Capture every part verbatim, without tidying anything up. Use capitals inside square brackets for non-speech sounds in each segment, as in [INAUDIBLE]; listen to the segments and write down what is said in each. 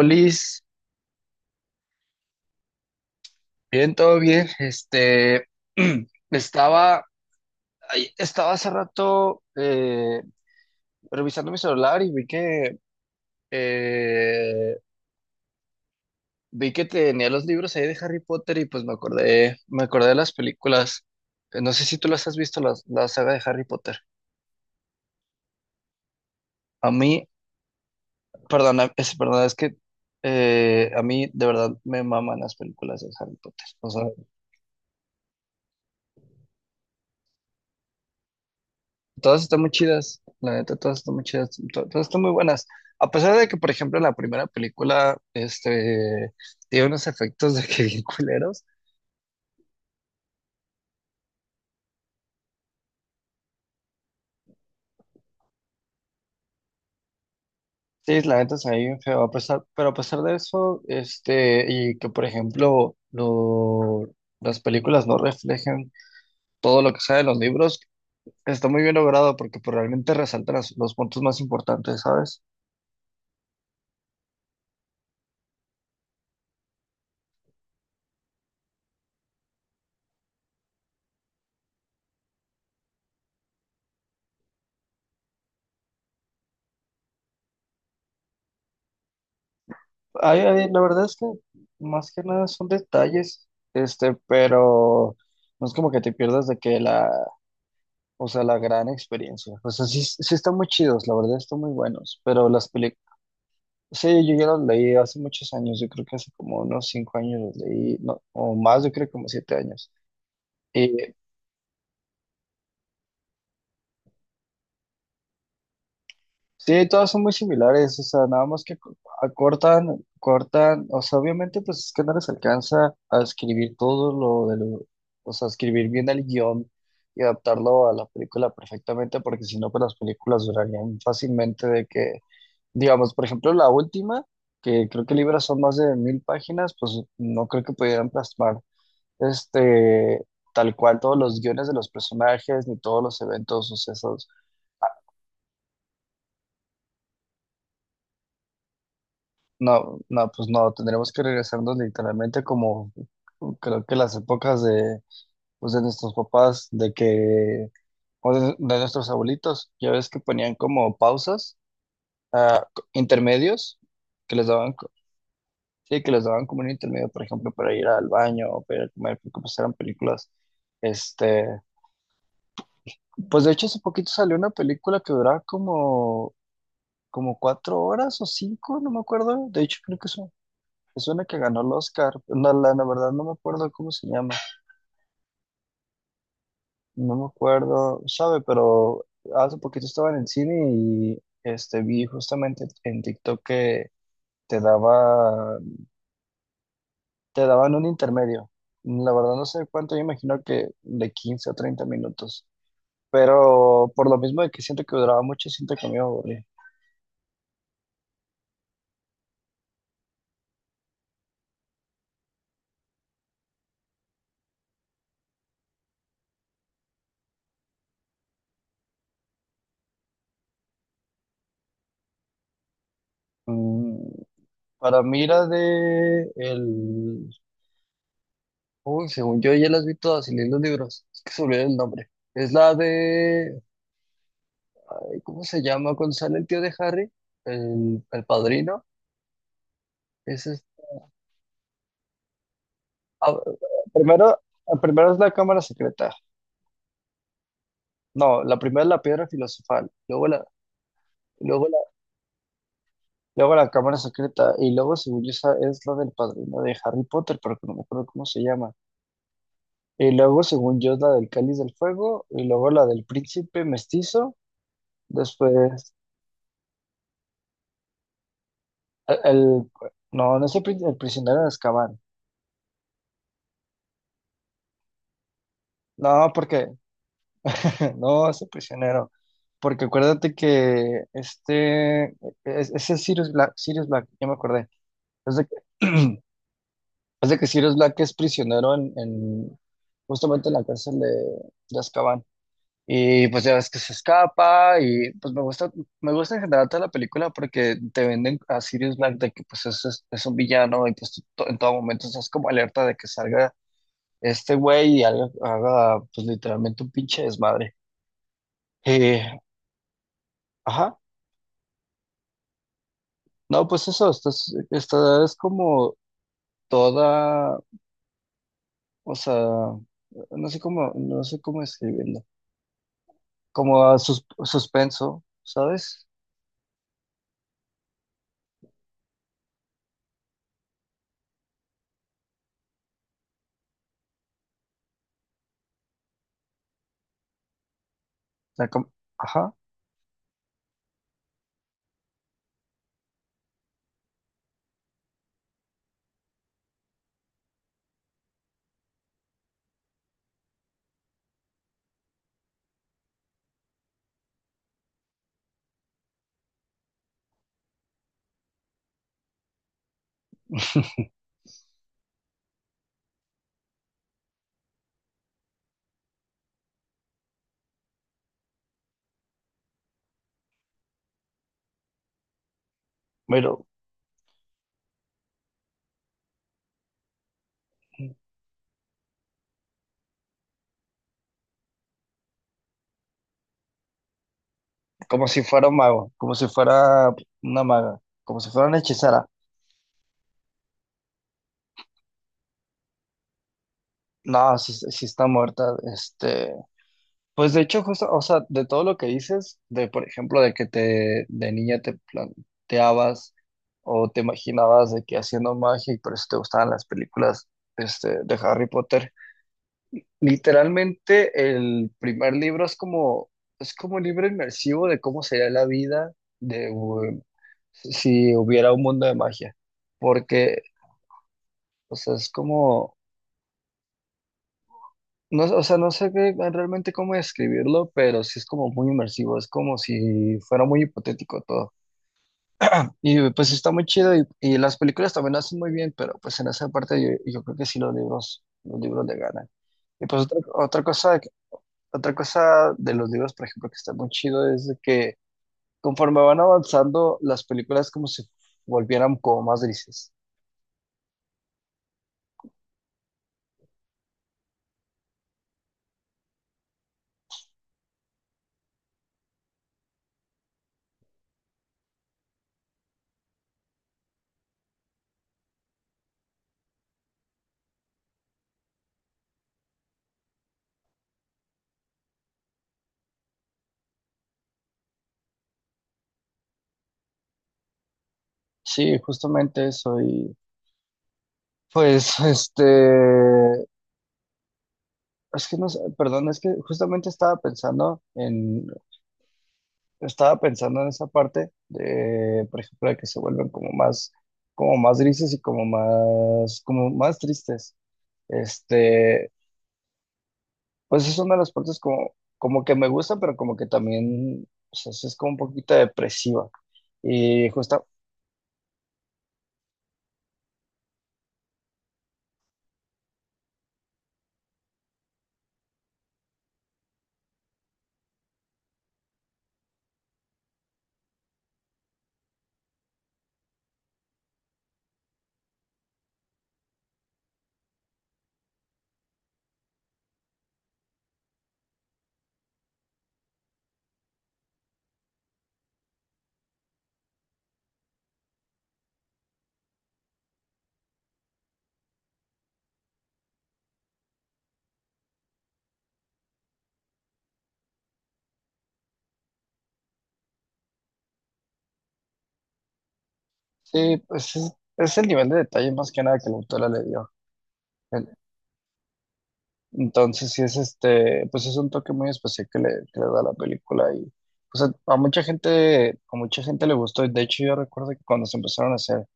Olis, bien, todo bien. Este, [CLEARS THROAT] estaba, ay, estaba hace rato eh, revisando mi celular y vi que eh, vi que tenía los libros ahí de Harry Potter y pues me acordé, me acordé de las películas. Eh, No sé si tú las has visto, las, la saga de Harry Potter. A mí, perdón, es, perdón es que eh, a mí de verdad me maman las películas de Harry Potter. O sea, todas están muy chidas, la neta, todas están muy chidas, to- todas están muy buenas. A pesar de que, por ejemplo, la primera película, este, tiene unos efectos de que bien culeros. Sí, la neta se ve bien feo, a pesar, pero a pesar de eso, este, y que, por ejemplo, lo- las películas no reflejen todo lo que sale en los libros, está muy bien logrado porque pues, realmente resaltan las- los puntos más importantes, ¿sabes? Ay, ay, la verdad es que más que nada son detalles, este, pero no es como que te pierdas de que la, o sea, la gran experiencia. O sea, sí, sí están muy chidos, la verdad están muy buenos, pero las películas, sí, yo ya los leí hace muchos años, yo creo que hace como unos cinco años los leí, no, o más, yo creo que como siete años. Sí, todas son muy similares, o sea, nada más que co- acortan, cortan, o sea, obviamente pues es que no les alcanza a escribir todo lo de lo, o sea, escribir bien el guión y adaptarlo a la película perfectamente, porque si no, pues las películas durarían fácilmente de que, digamos, por ejemplo, la última, que creo que libras son más de mil páginas, pues no creo que pudieran plasmar, este, tal cual todos los guiones de los personajes ni todos los eventos sucesos. No, no, pues no, tendríamos que regresarnos literalmente como creo que las épocas de, pues de nuestros papás, de que, o de, de nuestros abuelitos, ya ves que ponían como pausas, ah, co- intermedios, que les daban, co- sí, que les daban como un intermedio, por ejemplo, para ir al baño o para ir a comer, porque pues eran películas, este, pues de hecho hace poquito salió una película que duraba como, como cuatro horas o cinco, no me acuerdo, de hecho creo que es. Es una que ganó el Oscar. No, la, la verdad no me acuerdo cómo se llama. No me acuerdo, sabe, pero hace poquito estaba en el cine y este vi justamente en TikTok que te daba, te daban un intermedio. La verdad no sé cuánto, yo imagino que de quince a treinta minutos. Pero por lo mismo de que siento que duraba mucho, siento que me aburrí. Mm, para mí la de el. Uy, según yo ya las vi todas y leí los libros. Es que se me olvidó el nombre. Es la de. ¿Cómo se llama Gonzalo, el tío de Harry? El, el padrino. Ese es, ah, primero, primero, es la cámara secreta. No, la primera es la piedra filosofal. Luego la, luego la, Luego la cámara secreta. Y luego, según yo, esa es la del padrino de Harry Potter, pero que no me acuerdo cómo se llama. Y luego, según yo, es la del cáliz del fuego. Y luego la del príncipe mestizo. Después, el, el- no, no es el, prin- el prisionero de Azkaban. No, porque. [LAUGHS] No, ese prisionero. Porque acuérdate que este, es- ese es Sirius Black, Sirius Black, ya me acordé. Es de que, [CLEARS THROAT] es de que Sirius Black es prisionero en, en- justamente en la cárcel de, de Azkaban. Y pues ya ves que se escapa y pues me gusta, me gusta en general toda la película porque te venden a Sirius Black de que pues es, es, es un villano y pues tú to- en todo momento estás como alerta de que salga este güey y haga, haga, pues literalmente un pinche desmadre. Eh, ajá. No, pues eso, esta es, esta es como toda, o sea, no sé cómo, no sé cómo escribirlo, como a sus- suspenso, ¿sabes? O sea, como- ajá, [LAUGHS] pero como si fuera un mago, como si fuera una maga, como si fuera una hechicera. No, si, si está muerta. este Pues de hecho, justo, o sea, de todo lo que dices, de por ejemplo, de que te de niña te planteabas o te imaginabas de que haciendo magia y por eso te gustaban las películas, este, de Harry Potter. Literalmente el primer libro es como, es como un libro inmersivo de cómo sería la vida de um, si si hubiera un mundo de magia. Porque, o sea, es como. No, o sea, no sé qué- realmente cómo describirlo, pero sí es como muy inmersivo, es como si fuera muy hipotético todo. Y pues está muy chido y, y las películas también lo hacen muy bien, pero pues en esa parte yo, yo creo que sí los libros, los libros le ganan. Y pues otra, otra cosa, otra cosa de los libros, por ejemplo, que está muy chido es de que conforme van avanzando, las películas como si volvieran como más grises. Sí, justamente eso y pues este es que no sé, perdón, es que justamente estaba pensando en, estaba pensando en esa parte de, por ejemplo, de que se vuelven como más, como más grises y como más, como más tristes. Este, pues es una de las partes como, como que me gusta, pero como que también, o sea, sí es como un poquito depresiva. Y justo, sí, pues es, es el nivel de detalle más que nada que la autora le dio. Entonces, sí es este, pues es un toque muy especial que le, que le da a la película y pues a, a mucha gente, a mucha gente le gustó. De hecho, yo recuerdo que cuando se empezaron a hacer,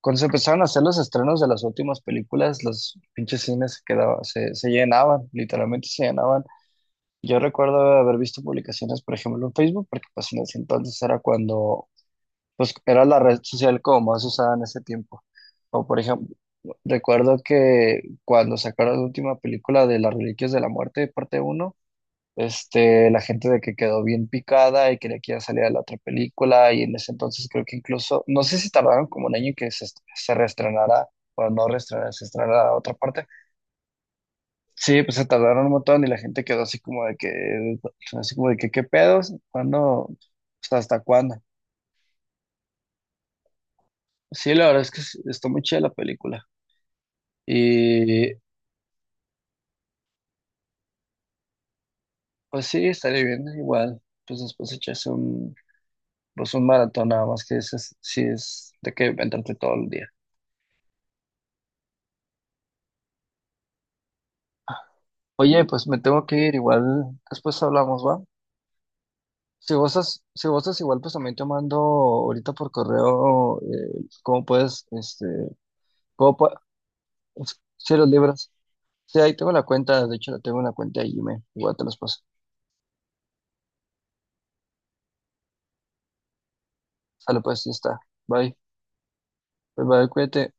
cuando se empezaron a hacer los estrenos de las últimas películas, los pinches cines se quedaban, se, se llenaban, literalmente se llenaban. Yo recuerdo haber visto publicaciones, por ejemplo, en Facebook, porque pues en ese entonces era cuando pues era la red social como más usada en ese tiempo. O por ejemplo, recuerdo que cuando sacaron la última película de Las Reliquias de la Muerte, parte uno, este, la gente de que quedó bien picada y quería que ya saliera la otra película y en ese entonces creo que incluso, no sé si tardaron como un año en que se, est- se reestrenara. O no reestrenara, se estrenara la otra parte. Sí, pues se tardaron un montón y la gente quedó así como de que, así como de que, ¿qué pedos? ¿Cuándo? O sea, ¿hasta cuándo? Sí, la verdad es que es- está muy chida la película. Y pues sí, estaría bien, igual. Pues después echarse un, pues un maratón nada más que ese es- sí es de que entrarte todo el día. Oye, pues me tengo que ir, igual después hablamos, ¿va? Si gozas, si gozas igual, pues también te mando ahorita por correo eh, cómo puedes, este, cómo puedes, si los libras. Sí, ahí tengo la cuenta, de hecho la tengo en la cuenta de Gmail, igual te los paso. Sale pues, ya está. Bye, bye, bye, cuídate.